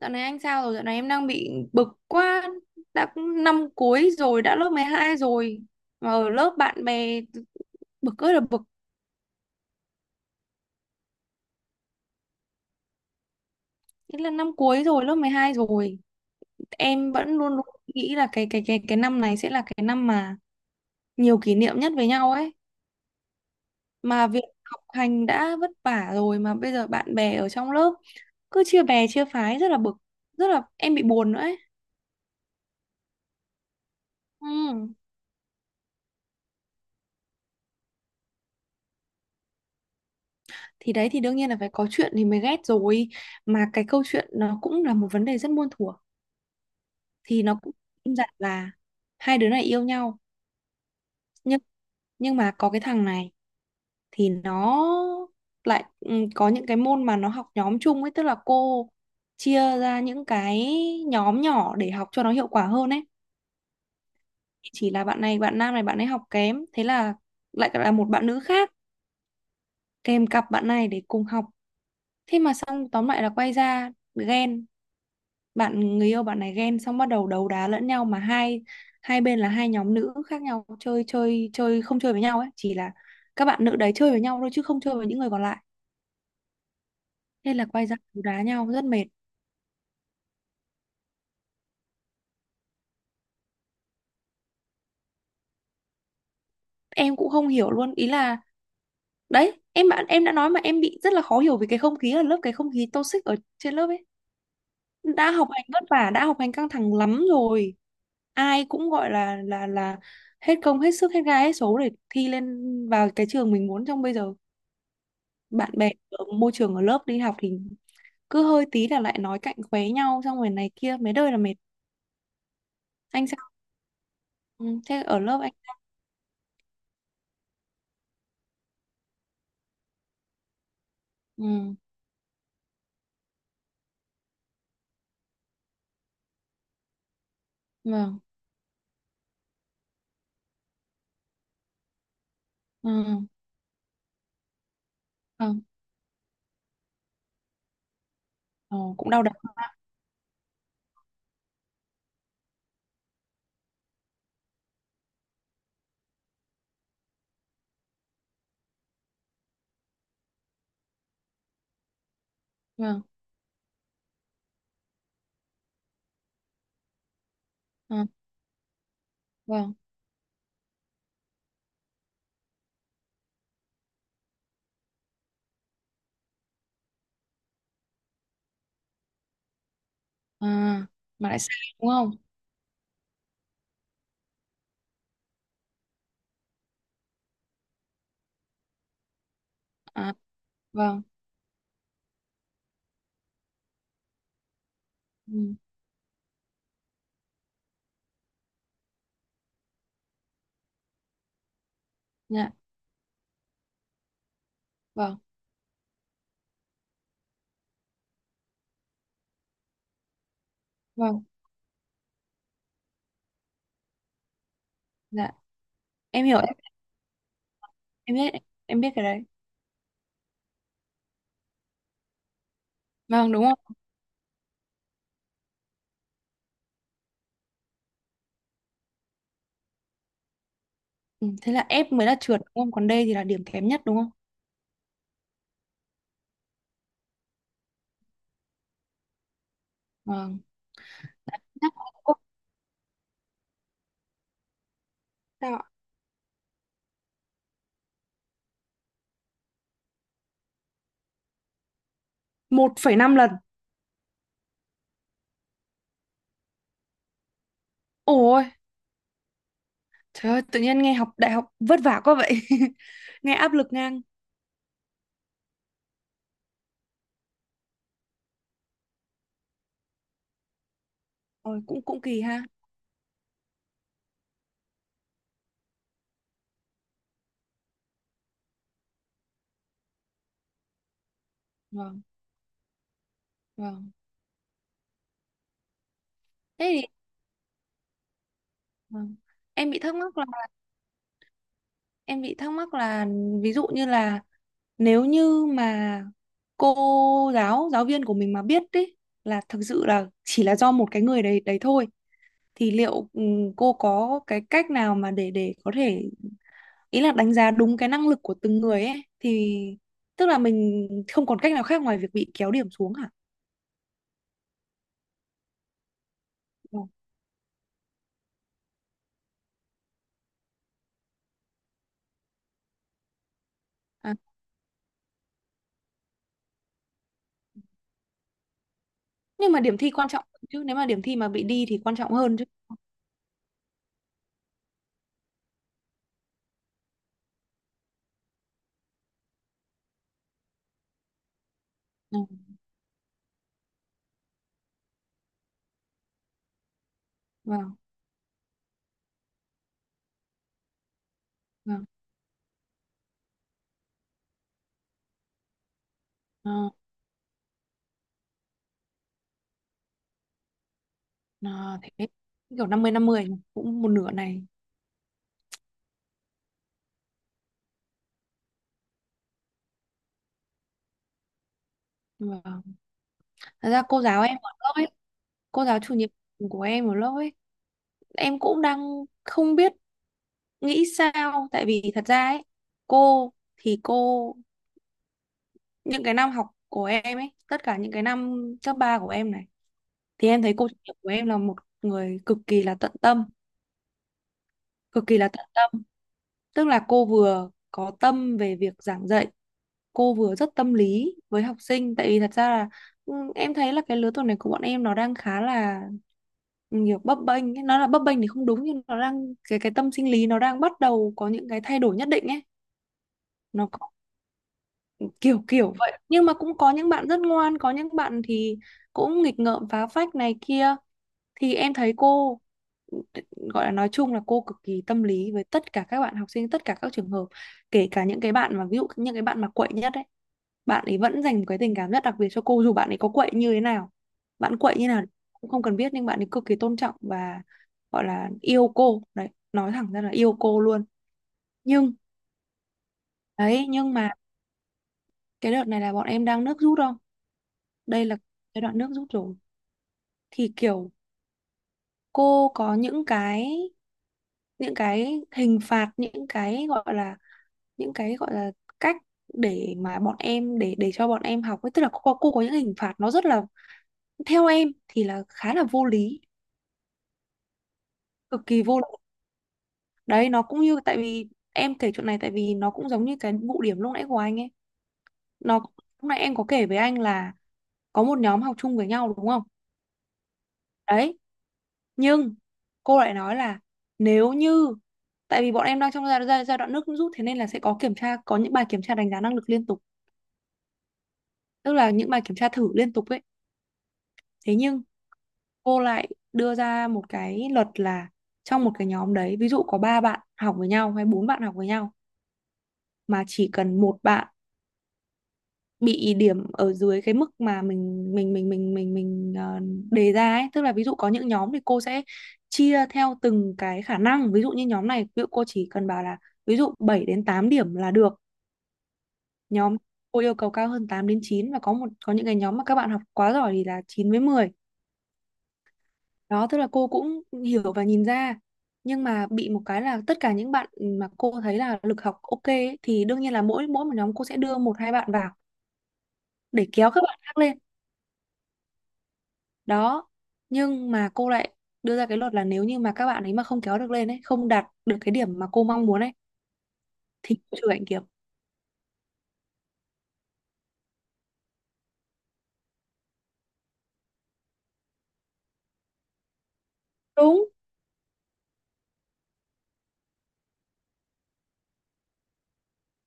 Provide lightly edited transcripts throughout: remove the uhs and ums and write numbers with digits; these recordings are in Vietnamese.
Dạo này anh sao rồi? Dạo này em đang bị bực quá. Đã cũng năm cuối rồi, đã lớp 12 rồi. Mà ở lớp bạn bè bực ơi là bực. Thế là năm cuối rồi, lớp 12 rồi. Em vẫn luôn luôn nghĩ là cái năm này sẽ là cái năm mà nhiều kỷ niệm nhất với nhau ấy. Mà việc học hành đã vất vả rồi mà bây giờ bạn bè ở trong lớp cứ chia bè chia phái rất là bực, rất là em bị buồn nữa ấy. Ừ. Thì đấy thì đương nhiên là phải có chuyện thì mới ghét rồi. Mà cái câu chuyện nó cũng là một vấn đề rất muôn thuở, thì nó cũng im dặt là hai đứa này yêu nhau, nhưng nhưng mà có cái thằng này thì nó lại có những cái môn mà nó học nhóm chung ấy, tức là cô chia ra những cái nhóm nhỏ để học cho nó hiệu quả hơn ấy, chỉ là bạn này bạn nam này bạn ấy học kém, thế là lại là một bạn nữ khác kèm cặp bạn này để cùng học. Thế mà xong tóm lại là quay ra ghen, bạn người yêu bạn này ghen xong bắt đầu đấu đá lẫn nhau, mà hai hai bên là hai nhóm nữ khác nhau, chơi chơi chơi không chơi với nhau ấy, chỉ là các bạn nữ đấy chơi với nhau thôi chứ không chơi với những người còn lại, nên là quay ra đấu đá nhau rất mệt. Em cũng không hiểu luôn, ý là đấy em bạn em đã nói mà em bị rất là khó hiểu vì cái không khí ở lớp, cái không khí toxic ở trên lớp ấy, đã học hành vất vả, đã học hành căng thẳng lắm rồi, ai cũng gọi là hết công hết sức hết gai hết số để thi lên vào cái trường mình muốn trong bây giờ, bạn bè ở môi trường ở lớp đi học thì cứ hơi tí là lại nói cạnh khóe nhau, xong rồi này kia mấy đời là mệt. Anh sao? Ừ, Thế ở lớp anh. Ừ, vâng. Ừ, vâng. Ờ, cũng đau đầu. Vâng. Ờ, vâng. À, mà lại sai đúng không. À, vâng. Ừ, dạ. Vâng, vâng. Dạ em hiểu. Em biết, em biết cái đấy. Vâng, đúng không. Ừ, thế là F mới là trượt đúng không, còn D thì là điểm kém nhất đúng không. Vâng, chắc cũng không. Sao ạ? 1,5 lần. Ôi Trời ơi, tự nhiên nghe học đại học vất vả quá vậy. Nghe áp lực ngang. Ôi, cũng cũng kỳ ha. Vâng, vâng. Thế thì, vâng. Em bị thắc mắc là Em bị thắc mắc là, ví dụ như là, nếu như mà cô giáo, giáo viên của mình mà biết đấy là thực sự là chỉ là do một cái người đấy đấy thôi, thì liệu cô có cái cách nào mà để có thể, ý là đánh giá đúng cái năng lực của từng người ấy thì, tức là mình không còn cách nào khác ngoài việc bị kéo điểm xuống hả? Vâng. À. Nhưng mà điểm thi quan trọng hơn chứ, nếu mà điểm thi mà bị đi thì quan trọng hơn chứ. Ừ, vâng, vâng. Ờ, ờ, thế kiểu 50 50 nhỉ, cũng một nửa này. Vâng. Thật ra cô giáo em ở lớp ấy, cô giáo chủ nhiệm của em ở lớp ấy, em cũng đang không biết nghĩ sao, tại vì thật ra ấy, cô những cái năm học của em ấy, tất cả những cái năm cấp 3 của em này, thì em thấy cô chủ nhiệm của em là một người cực kỳ là tận tâm, cực kỳ là tận tâm. Tức là cô vừa có tâm về việc giảng dạy, cô vừa rất tâm lý với học sinh. Tại vì thật ra là em thấy là cái lứa tuổi này của bọn em nó đang khá là nhiều bấp bênh ấy. Nó là bấp bênh thì không đúng nhưng nó đang cái tâm sinh lý nó đang bắt đầu có những cái thay đổi nhất định ấy. Nó có kiểu kiểu vậy. Nhưng mà cũng có những bạn rất ngoan, có những bạn thì cũng nghịch ngợm phá phách này kia, thì em thấy cô gọi là nói chung là cô cực kỳ tâm lý với tất cả các bạn học sinh, tất cả các trường hợp, kể cả những cái bạn mà ví dụ những cái bạn mà quậy nhất ấy, bạn ấy vẫn dành một cái tình cảm rất đặc biệt cho cô dù bạn ấy có quậy như thế nào, bạn quậy như nào cũng không cần biết nhưng bạn ấy cực kỳ tôn trọng và gọi là yêu cô đấy, nói thẳng ra là yêu cô luôn. Nhưng đấy, nhưng mà cái đợt này là bọn em đang nước rút không, đây là giai đoạn nước rút rồi, thì kiểu cô có những cái hình phạt, những cái gọi là cách để mà bọn em, để cho bọn em học ấy, tức là cô có những hình phạt nó rất là, theo em thì là khá là vô lý, cực kỳ vô lý. Đấy, nó cũng như, tại vì em kể chuyện này tại vì nó cũng giống như cái vụ điểm lúc nãy của anh ấy, nó lúc nãy em có kể với anh là có một nhóm học chung với nhau đúng không, đấy, nhưng cô lại nói là, nếu như, tại vì bọn em đang trong giai đoạn nước rút, thế nên là sẽ có kiểm tra, có những bài kiểm tra đánh giá năng lực liên tục, tức là những bài kiểm tra thử liên tục ấy, thế nhưng cô lại đưa ra một cái luật là, trong một cái nhóm đấy ví dụ có ba bạn học với nhau hay bốn bạn học với nhau, mà chỉ cần một bạn bị điểm ở dưới cái mức mà mình đề ra ấy, tức là ví dụ có những nhóm thì cô sẽ chia theo từng cái khả năng, ví dụ như nhóm này ví dụ cô chỉ cần bảo là ví dụ 7 đến 8 điểm là được, nhóm cô yêu cầu cao hơn 8 đến chín, và có những cái nhóm mà các bạn học quá giỏi thì là 9 với mười. Đó, tức là cô cũng hiểu và nhìn ra. Nhưng mà bị một cái là tất cả những bạn mà cô thấy là lực học ok ấy, thì đương nhiên là mỗi mỗi một nhóm cô sẽ đưa một hai bạn vào để kéo các bạn khác lên. Đó. Nhưng mà cô lại đưa ra cái luật là, nếu như mà các bạn ấy mà không kéo được lên ấy, không đạt được cái điểm mà cô mong muốn ấy, thì cô trừ hạnh kiểm. Đúng,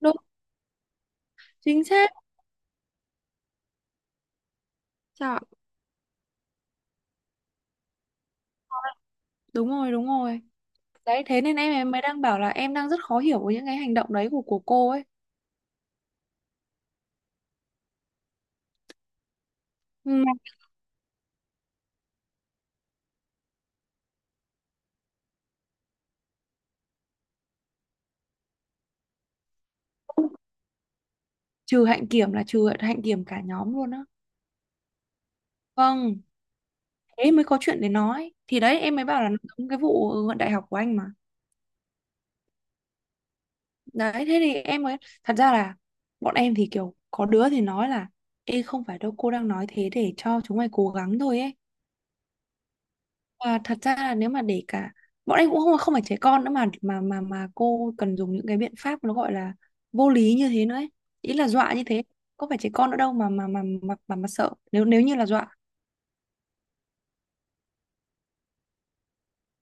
đúng, chính xác. Trời, đúng rồi, đúng rồi. Đấy, thế nên em mới đang bảo là em đang rất khó hiểu với những cái hành động đấy của cô ấy. Mà trừ hạnh kiểm là trừ hạnh kiểm cả nhóm luôn á. Vâng. Thế mới có chuyện để nói, thì đấy em mới bảo là nó giống cái vụ luận đại học của anh mà. Đấy, thế thì em mới, thật ra là, bọn em thì kiểu có đứa thì nói là ê không phải đâu, cô đang nói thế để cho chúng mày cố gắng thôi ấy, và thật ra là nếu mà để cả bọn em cũng không không phải trẻ con nữa mà cô cần dùng những cái biện pháp nó gọi là vô lý như thế nữa ấy, ý là dọa như thế, có phải trẻ con nữa đâu mà sợ, nếu nếu như là dọa.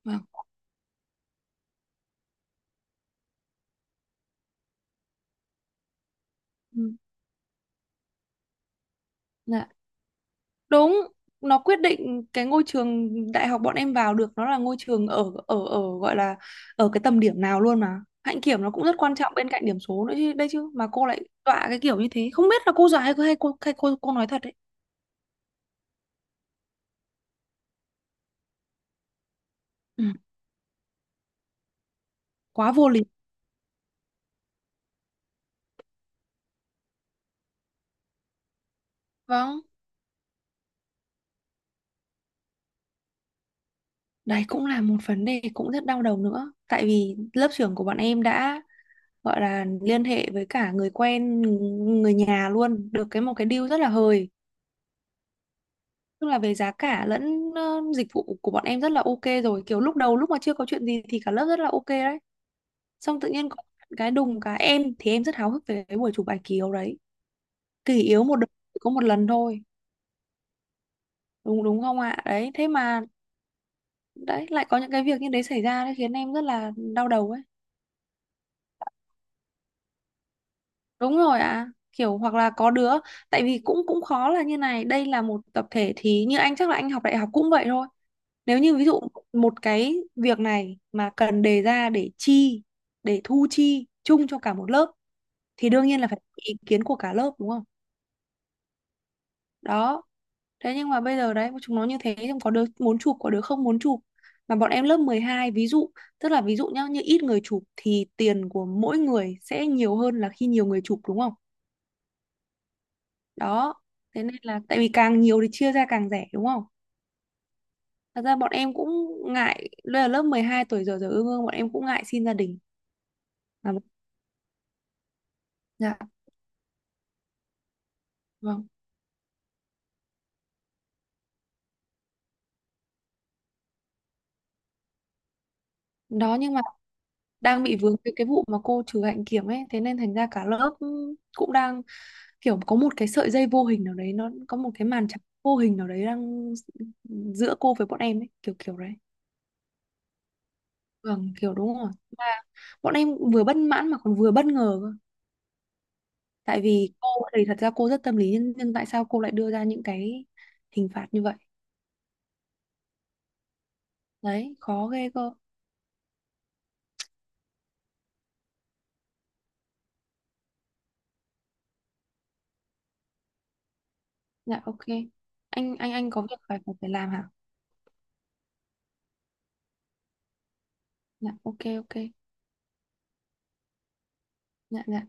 Vâng. Ừ. Dạ. Đúng, nó quyết định cái ngôi trường đại học bọn em vào được nó là ngôi trường ở ở ở gọi là ở cái tầm điểm nào luôn mà. Hạnh kiểm nó cũng rất quan trọng bên cạnh điểm số nữa chứ, đây chứ mà cô lại dọa cái kiểu như thế, không biết là cô dọa hay, hay cô nói thật đấy. Ừ, quá vô lý. Vâng, đấy cũng là một vấn đề cũng rất đau đầu nữa, tại vì lớp trưởng của bọn em đã gọi là liên hệ với cả người quen, người nhà luôn, được cái một cái deal rất là hời. Tức là về giá cả lẫn dịch vụ của bọn em rất là ok rồi. Kiểu lúc đầu lúc mà chưa có chuyện gì thì cả lớp rất là ok đấy. Xong tự nhiên có cái đùng cái, em thì em rất háo hức về cái buổi chụp bài kỳ yếu đấy, kỳ yếu một đời chỉ có một lần thôi. Đúng đúng không ạ? Đấy, thế mà đấy lại có những cái việc như đấy xảy ra đấy khiến em rất là đau đầu ấy. Đúng rồi ạ. Kiểu hoặc là có đứa, tại vì cũng cũng khó là như này, đây là một tập thể thì như anh chắc là anh học đại học cũng vậy thôi. Nếu như ví dụ một cái việc này mà cần đề ra để chi, để thu chi chung cho cả một lớp thì đương nhiên là phải có ý kiến của cả lớp đúng không? Đó. Thế nhưng mà bây giờ đấy chúng nó như thế, nhưng có đứa muốn chụp có đứa không muốn chụp, mà bọn em lớp 12 ví dụ, tức là ví dụ nhá, như ít người chụp thì tiền của mỗi người sẽ nhiều hơn là khi nhiều người chụp đúng không? Đó. Thế nên là tại vì càng nhiều thì chia ra càng rẻ đúng không? Thật ra bọn em cũng ngại, đây là lớp 12 tuổi giờ, ương ương bọn em cũng ngại xin gia đình. Dạ. Vâng. Đó nhưng mà đang bị vướng cái vụ mà cô trừ hạnh kiểm ấy, thế nên thành ra cả lớp cũng đang kiểu có một cái sợi dây vô hình nào đấy, nó có một cái màn trắng vô hình nào đấy đang giữa cô với bọn em ấy, kiểu kiểu đấy. Vâng, kiểu đúng rồi. Mà bọn em vừa bất mãn mà còn vừa bất ngờ cơ. Tại vì cô thì thật ra cô rất tâm lý nhưng tại sao cô lại đưa ra những cái hình phạt như vậy? Đấy, khó ghê cơ. Dạ ok. Anh có việc phải phải phải làm hả? Dạ ok ok. Dạ dạ.